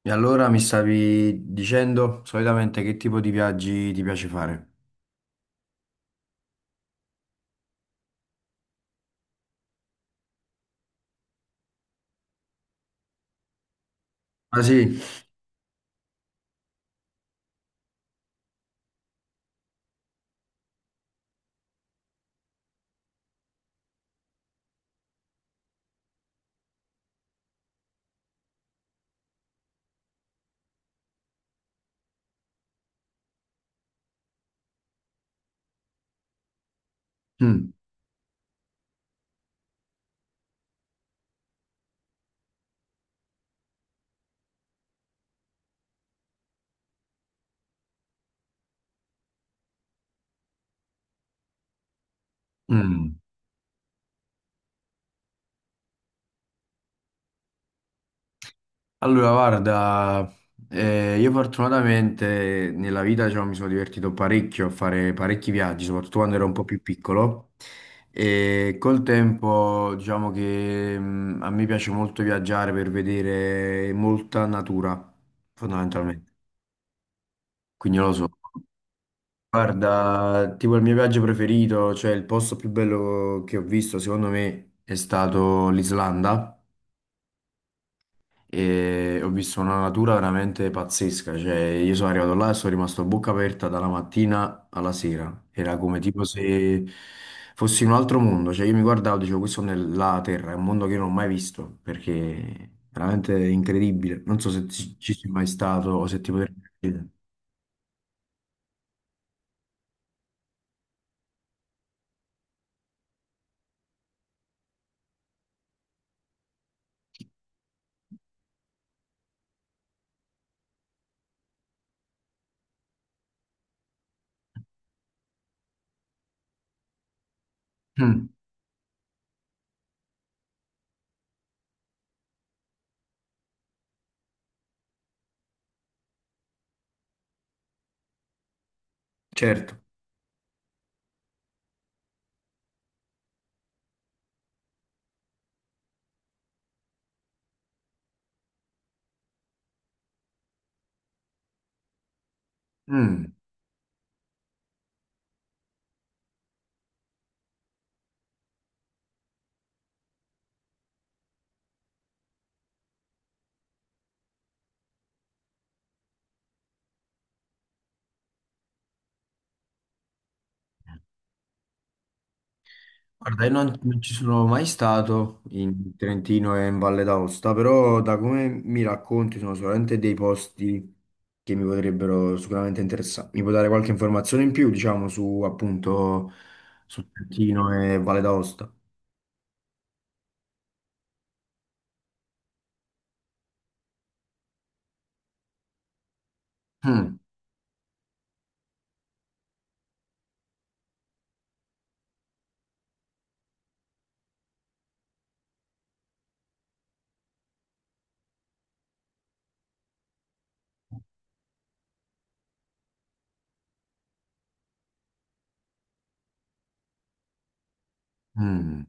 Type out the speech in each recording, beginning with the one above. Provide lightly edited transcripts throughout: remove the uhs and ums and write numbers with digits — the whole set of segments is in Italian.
E allora mi stavi dicendo solitamente che tipo di viaggi ti piace fare? Ah sì? Mm. Mm. Allora guarda, io fortunatamente nella vita diciamo, mi sono divertito parecchio a fare parecchi viaggi, soprattutto quando ero un po' più piccolo e col tempo diciamo che a me piace molto viaggiare per vedere molta natura, fondamentalmente. Quindi non lo so. Guarda, tipo il mio viaggio preferito, cioè il posto più bello che ho visto, secondo me, è stato l'Islanda e ho visto una natura veramente pazzesca, cioè io sono arrivato là e sono rimasto a bocca aperta dalla mattina alla sera, era come tipo se fossi in un altro mondo, cioè io mi guardavo e dicevo questo è la Terra, è un mondo che io non ho mai visto, perché è veramente incredibile, non so se ci sei mai stato o se ti potrei... Mm, certo. Mm. Guarda, io non ci sono mai stato in Trentino e in Valle d'Aosta, però da come mi racconti sono sicuramente dei posti che mi potrebbero sicuramente interessare. Mi puoi dare qualche informazione in più, diciamo, su appunto su Trentino e Valle d'Aosta? Mm. Mm.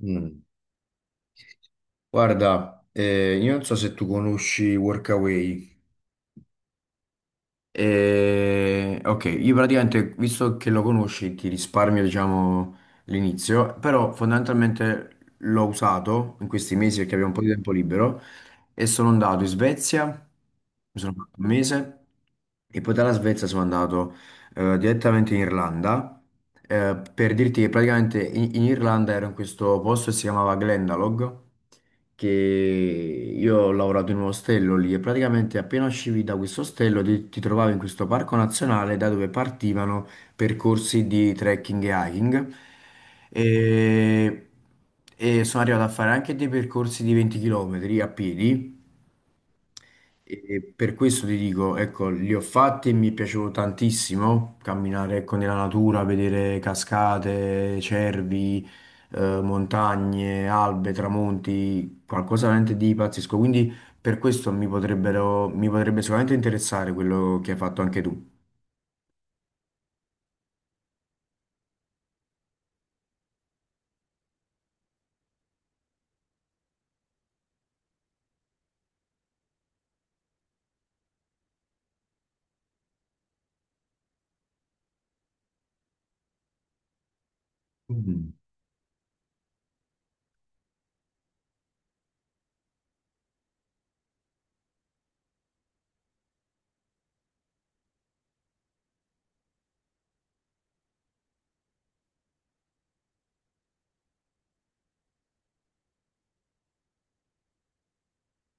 Mm. Guarda, io non so se tu conosci Workaway. Ok, io praticamente, visto che lo conosci, ti risparmio, diciamo, l'inizio, però fondamentalmente l'ho usato in questi mesi perché avevo un po' di tempo libero e sono andato in Svezia, mi sono fatto un mese e poi dalla Svezia sono andato direttamente in Irlanda. Eh, per dirti che praticamente in Irlanda ero in questo posto che si chiamava Glendalough, che io ho lavorato in un ostello lì e praticamente appena uscivi da questo ostello ti trovavi in questo parco nazionale da dove partivano percorsi di trekking e hiking. E, e sono arrivato a fare anche dei percorsi di 20 km a piedi e per questo ti dico, ecco, li ho fatti e mi è piaciuto tantissimo camminare, ecco, nella natura, vedere cascate, cervi, montagne, albe, tramonti, qualcosa veramente di pazzesco. Quindi per questo mi potrebbero, mi potrebbe sicuramente interessare quello che hai fatto anche tu. Mm.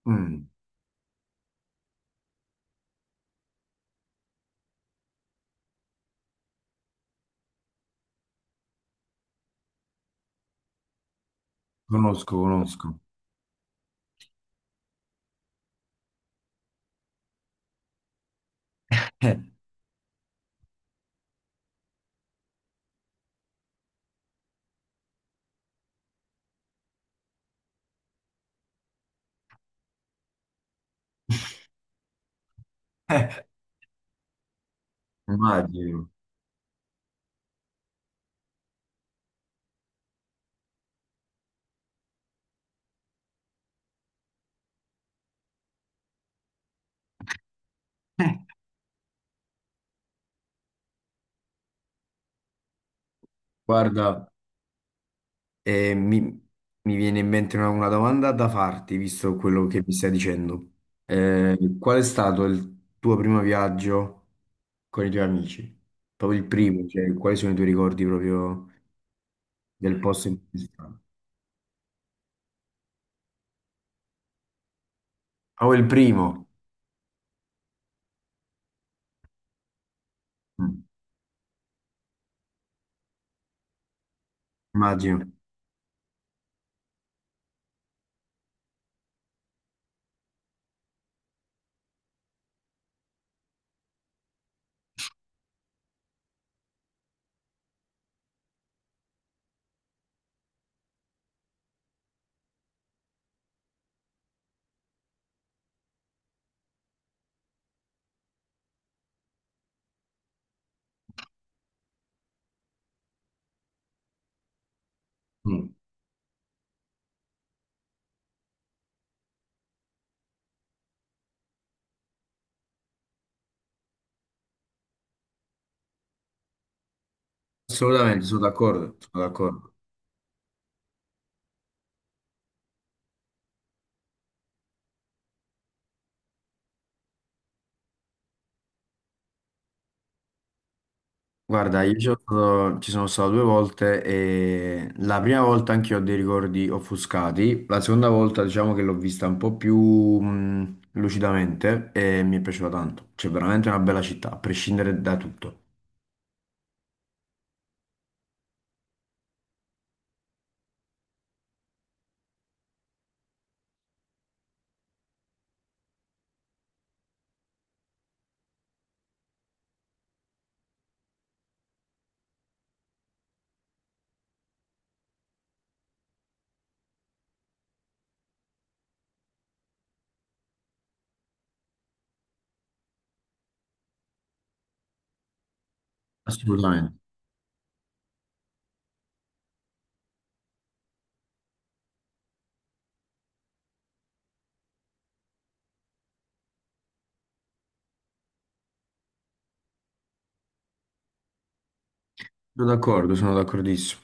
Mm. Conosco, conosco. Eh. Eh, immagino. Guarda. E mi viene in mente una domanda da farti, visto quello che mi stai dicendo. Qual è stato il tuo primo viaggio con i tuoi amici? Proprio il primo, cioè quali sono i tuoi ricordi proprio del posto in cui sei stato? Oh, il primo. Mm, immagino. Mm. Assolutamente, sono d'accordo, sono d'accordo. Guarda, io ci sono stato due volte e la prima volta anche io ho dei ricordi offuscati, la seconda volta diciamo che l'ho vista un po' più lucidamente e mi è piaciuta tanto. C'è veramente una bella città, a prescindere da tutto. Assolutamente. Sono d'accordo, sono d'accordissimo.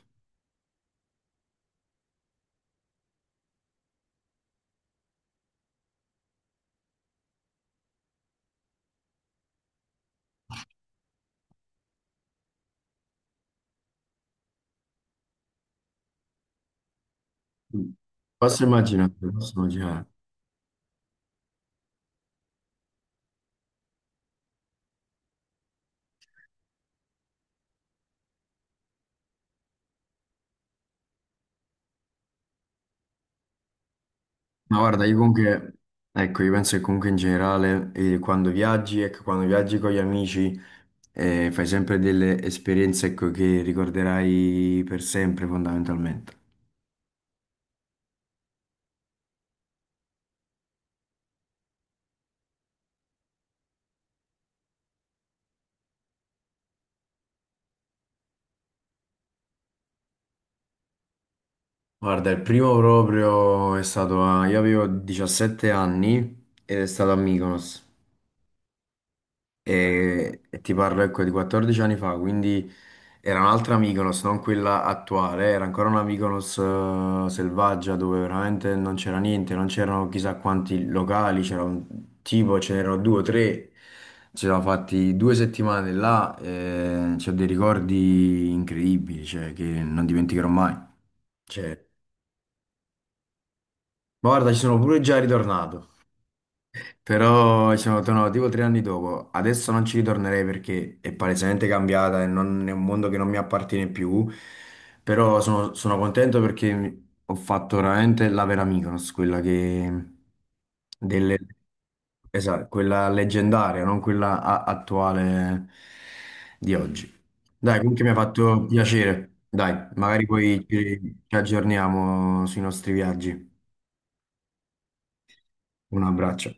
Posso immaginare, posso immaginare. Ma guarda, io comunque, ecco, io penso che comunque in generale, quando viaggi, ecco, quando viaggi con gli amici, fai sempre delle esperienze, ecco, che ricorderai per sempre, fondamentalmente. Guarda, il primo proprio è stato a... Io avevo 17 anni ed è stato a Mykonos. E ti parlo ecco di 14 anni fa, quindi era un'altra Mykonos, non quella attuale, era ancora una Mykonos selvaggia dove veramente non c'era niente, non c'erano chissà quanti locali, c'era un tipo, ce n'erano 2 o 3, ci siamo fatti 2 settimane là, e c'ho dei ricordi incredibili, cioè, che non dimenticherò mai. Cioè, ma guarda, ci sono pure già ritornato. Però ci sono tornato tipo 3 anni dopo. Adesso non ci ritornerei perché è palesemente cambiata e è un mondo che non mi appartiene più. Però sono, sono contento perché ho fatto veramente la vera Mykonos, quella che... delle- esatto, quella leggendaria, non quella attuale di oggi. Dai, comunque mi ha fatto piacere. Dai, magari poi ci aggiorniamo sui nostri viaggi. Un abbraccio.